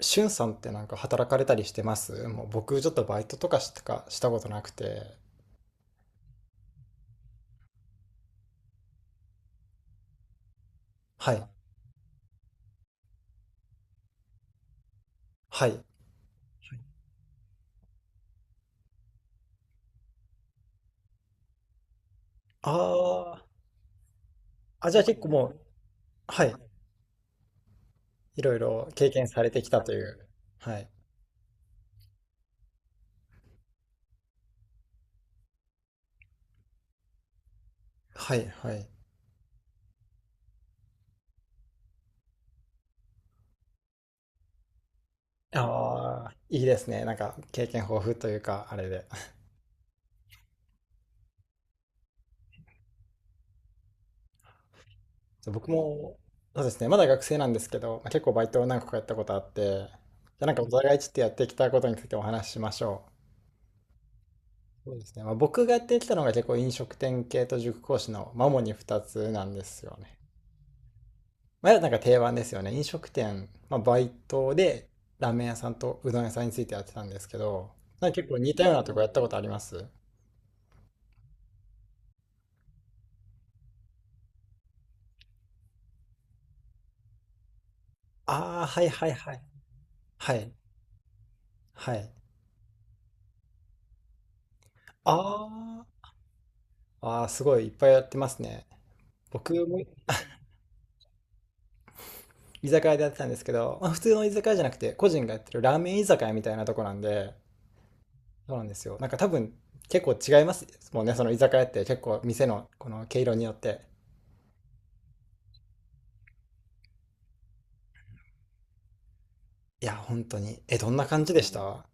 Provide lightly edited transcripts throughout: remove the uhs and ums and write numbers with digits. しゅんさんってなんか働かれたりしてますもう僕ちょっとバイトとかしかしたことなくて。はい。はい。ああ。あ、じゃあ結構もう、はい。いろいろ経験されてきたという。はい。はい、はい。ああ、いいですね。なんか経験豊富というか、あれで。そう僕も、そうですね。まだ学生なんですけど、まあ結構バイトを何個かやったことあって、じゃあなんかお互いちょっとやってきたことについてお話ししましょう。そうですね。まあ、僕がやってきたのが結構飲食店系と塾講師のマモに2つなんですよね。まあ、なんか定番ですよね。飲食店、まあ、バイトでラーメン屋さんとうどん屋さんについてやってたんですけど、なんか結構似たようなとこやったことあります？ああー、はいはいはい。はい。はい。ああ、ああ、すごいいっぱいやってますね。僕も居酒屋でやってたんですけど、まあ、普通の居酒屋じゃなくて個人がやってるラーメン居酒屋みたいなとこなんで、そうなんですよ。なんか多分結構違いますもんね、その居酒屋って結構店のこの毛色によって。いや、本当に。え、どんな感じでした？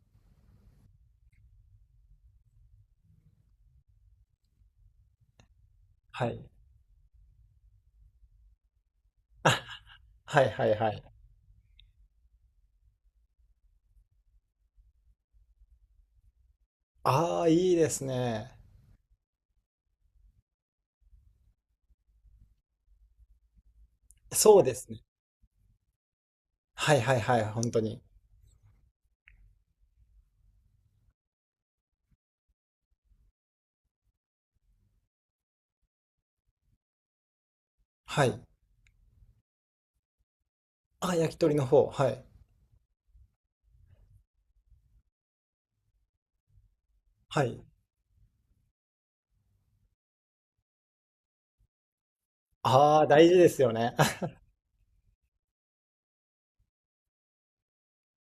はい。はいはいはい。ああ、いいですね。そうですね。はいはいはい、本当に。はい。あ、焼き鳥の方。はい。はい。ああ、大事ですよね。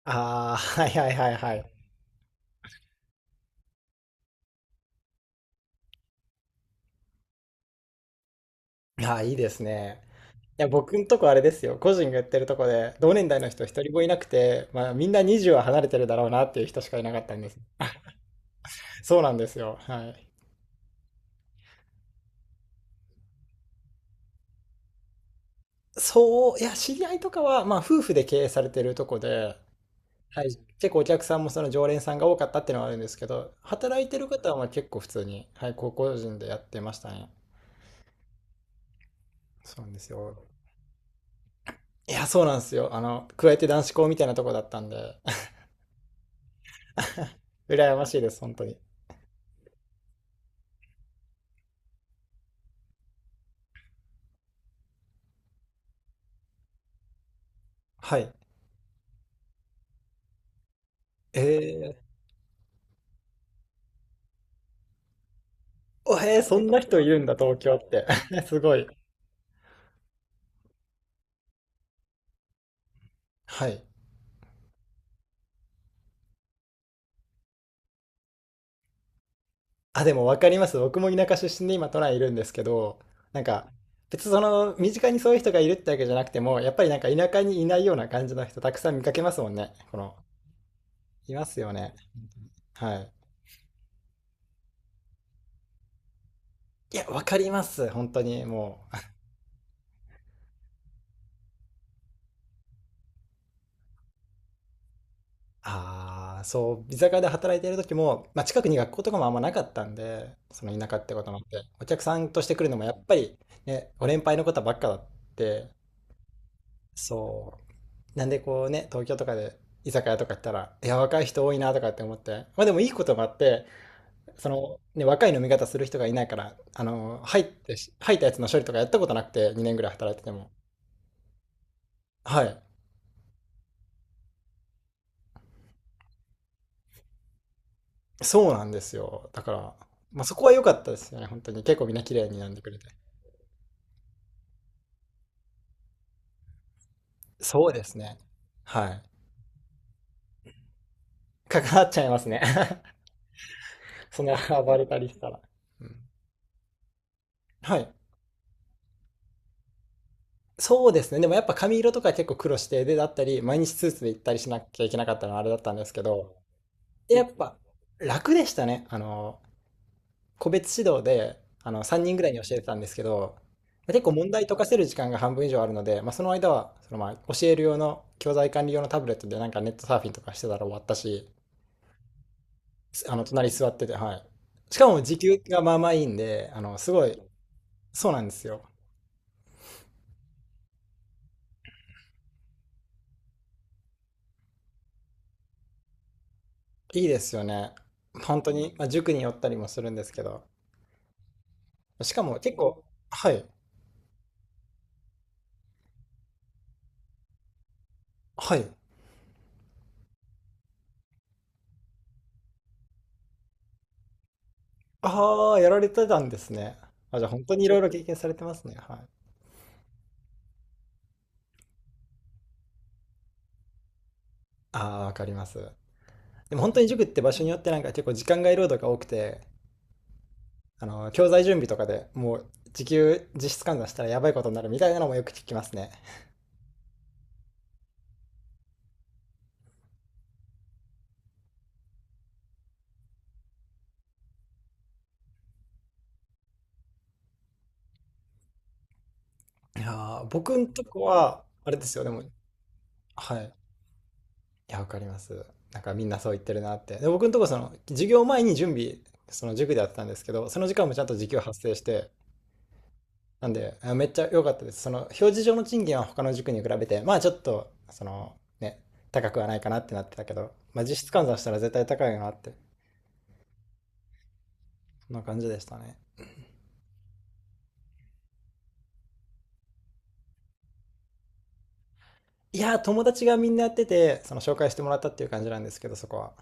ああ、はいはいはいはい。ああ、いいですね。いや、僕んとこあれですよ。個人がやってるとこで、同年代の人一人もいなくて、まあみんな20は離れてるだろうなっていう人しかいなかったんです。そうなんですよ。はい。そう、いや、知り合いとかは、まあ、夫婦で経営されてるとこで、はい、結構お客さんもその常連さんが多かったっていうのはあるんですけど、働いてる方はまあ結構普通に、はい、高校人でやってましたね。そうなんですよ。いや、そうなんですよ。あの、加えて男子校みたいなとこだったんで、羨ましいです、本当に。はい。えー、おへーそんな人いるんだ、東京って。すごい。はい。あ、でも分かります。僕も田舎出身で今都内いるんですけど、なんか別にその身近にそういう人がいるってわけじゃなくても、やっぱりなんか田舎にいないような感じの人たくさん見かけますもんね。この、いますよね。はい。いや、分かります。本当にもう。ああ、そう、居酒屋で働いている時も、まあ、近くに学校とかもあんまなかったんで、その田舎ってこともあって、お客さんとして来るのもやっぱりね、ご年配の方ばっかだって、そう。なんでこうね、東京とかで居酒屋とか行ったら、いや、若い人多いなとかって思って、まあでもいいこともあって、その、ね、若い飲み方する人がいないから、あの、入ったやつの処理とかやったことなくて、2年ぐらい働いてても。はい。そうなんですよ。だから、まあそこは良かったですよね、本当に。結構みんな綺麗に飲んでくれて。そうですね。はい。関わっちゃいますね。そんな暴れたりしたら。うん、はい。そうですね。でもやっぱ髪色とか結構苦労して、で、だったり、毎日スーツで行ったりしなきゃいけなかったのはあれだったんですけど、で、やっぱ楽でしたね。あの、個別指導で、あの、3人ぐらいに教えてたんですけど、結構問題解かせる時間が半分以上あるので、まあ、その間は、そのまあ、教える用の、教材管理用のタブレットでなんかネットサーフィンとかしてたら終わったし、すあの、隣座ってて、はい。しかも時給がまあまあいいんで、あの、すごい、そうなんですよ。いいですよね。本当に、まあ、塾に寄ったりもするんですけど、しかも結構、はい、はい。ああ、やられてたんですね。あ、じゃあ本当にいろいろ経験されてますね。はい。ああ、わかります。でも本当に塾って場所によってなんか結構時間外労働が多くて、あの、教材準備とかでもう時給実質換算したらやばいことになるみたいなのもよく聞きますね。いやー、僕んとこは、あれですよ、でも、はい。いや、わかります。なんかみんなそう言ってるなって。で、僕んとこその、授業前に準備、その塾でやってたんですけど、その時間もちゃんと時給発生して、なんで、めっちゃ良かったです。その、表示上の賃金は他の塾に比べて、まあちょっと、その、ね、高くはないかなってなってたけど、まあ実質換算したら絶対高いよなって、そんな感じでしたね。いやー、友達がみんなやってて、その紹介してもらったっていう感じなんですけど、そこは。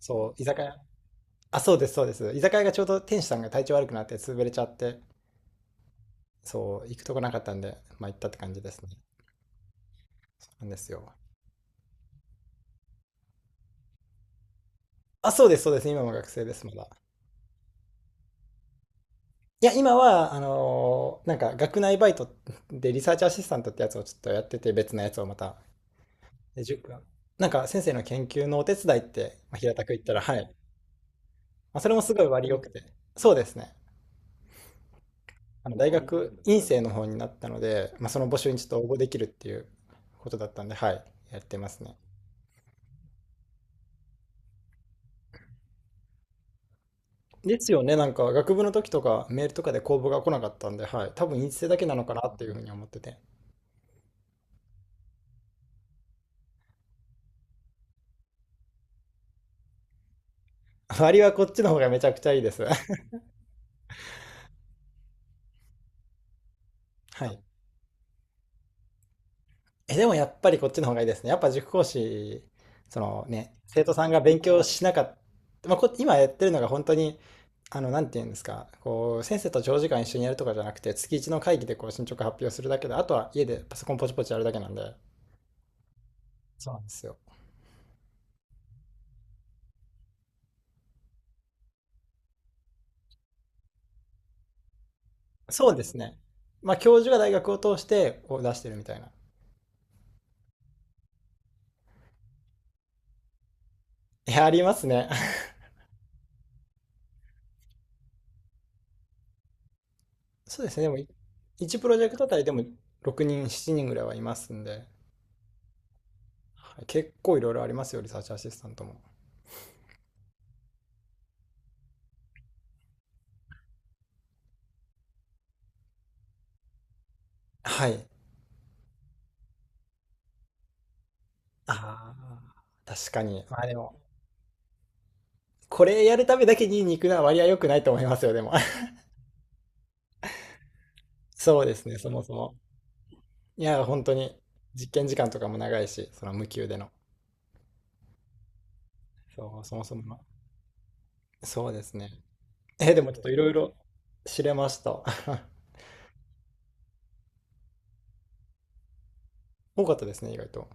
そう、居酒屋。あ、そうです、そうです。居酒屋がちょうど店主さんが体調悪くなって潰れちゃって、そう、行くとこなかったんで、まあ行ったって感じですね。そうなんですよ。あ、そうです、そうです。今も学生です、まだ。いや、今は、なんか学内バイトでリサーチアシスタントってやつをちょっとやってて、別のやつをまた。で、塾はなんか先生の研究のお手伝いって、まあ、平たく言ったら、はい。まあ、それもすごい割り良くて。そうですね。あの大学院生の方になったので、まあ、その募集にちょっと応募できるっていうことだったんで、はい。やってますね。ですよね。なんか学部の時とかメールとかで公募が来なかったんで、はい。多分院生だけなのかなっていうふうに思ってて。割はこっちの方がめちゃくちゃいいです。はい。え、でもやっぱりこっちの方がいいですね。やっぱ塾講師、そのね、生徒さんが勉強しなかった、まあ、今やってるのが本当に、あの、なんて言うんですか、こう、先生と長時間一緒にやるとかじゃなくて、月1の会議でこう進捗発表するだけで、あとは家でパソコンポチポチやるだけなんで、そうなんですよ。そうですね。まあ、教授が大学を通してを出してるみたいな。いや、ありますね。そうですね。でも、1プロジェクトあたりでも6人、7人ぐらいはいますんで、はい結構いろいろありますよ、リサーチアシスタントも。はい。ああ、確かに。まあでも、これやるためだけに肉な割合良くないと思いますよ、でも。そうですね、そもそも。いや、本当に、実験時間とかも長いし、その無給での。そう、そもそもの。そうですね。え、でもちょっといろいろ知れました。多かったですね、意外と。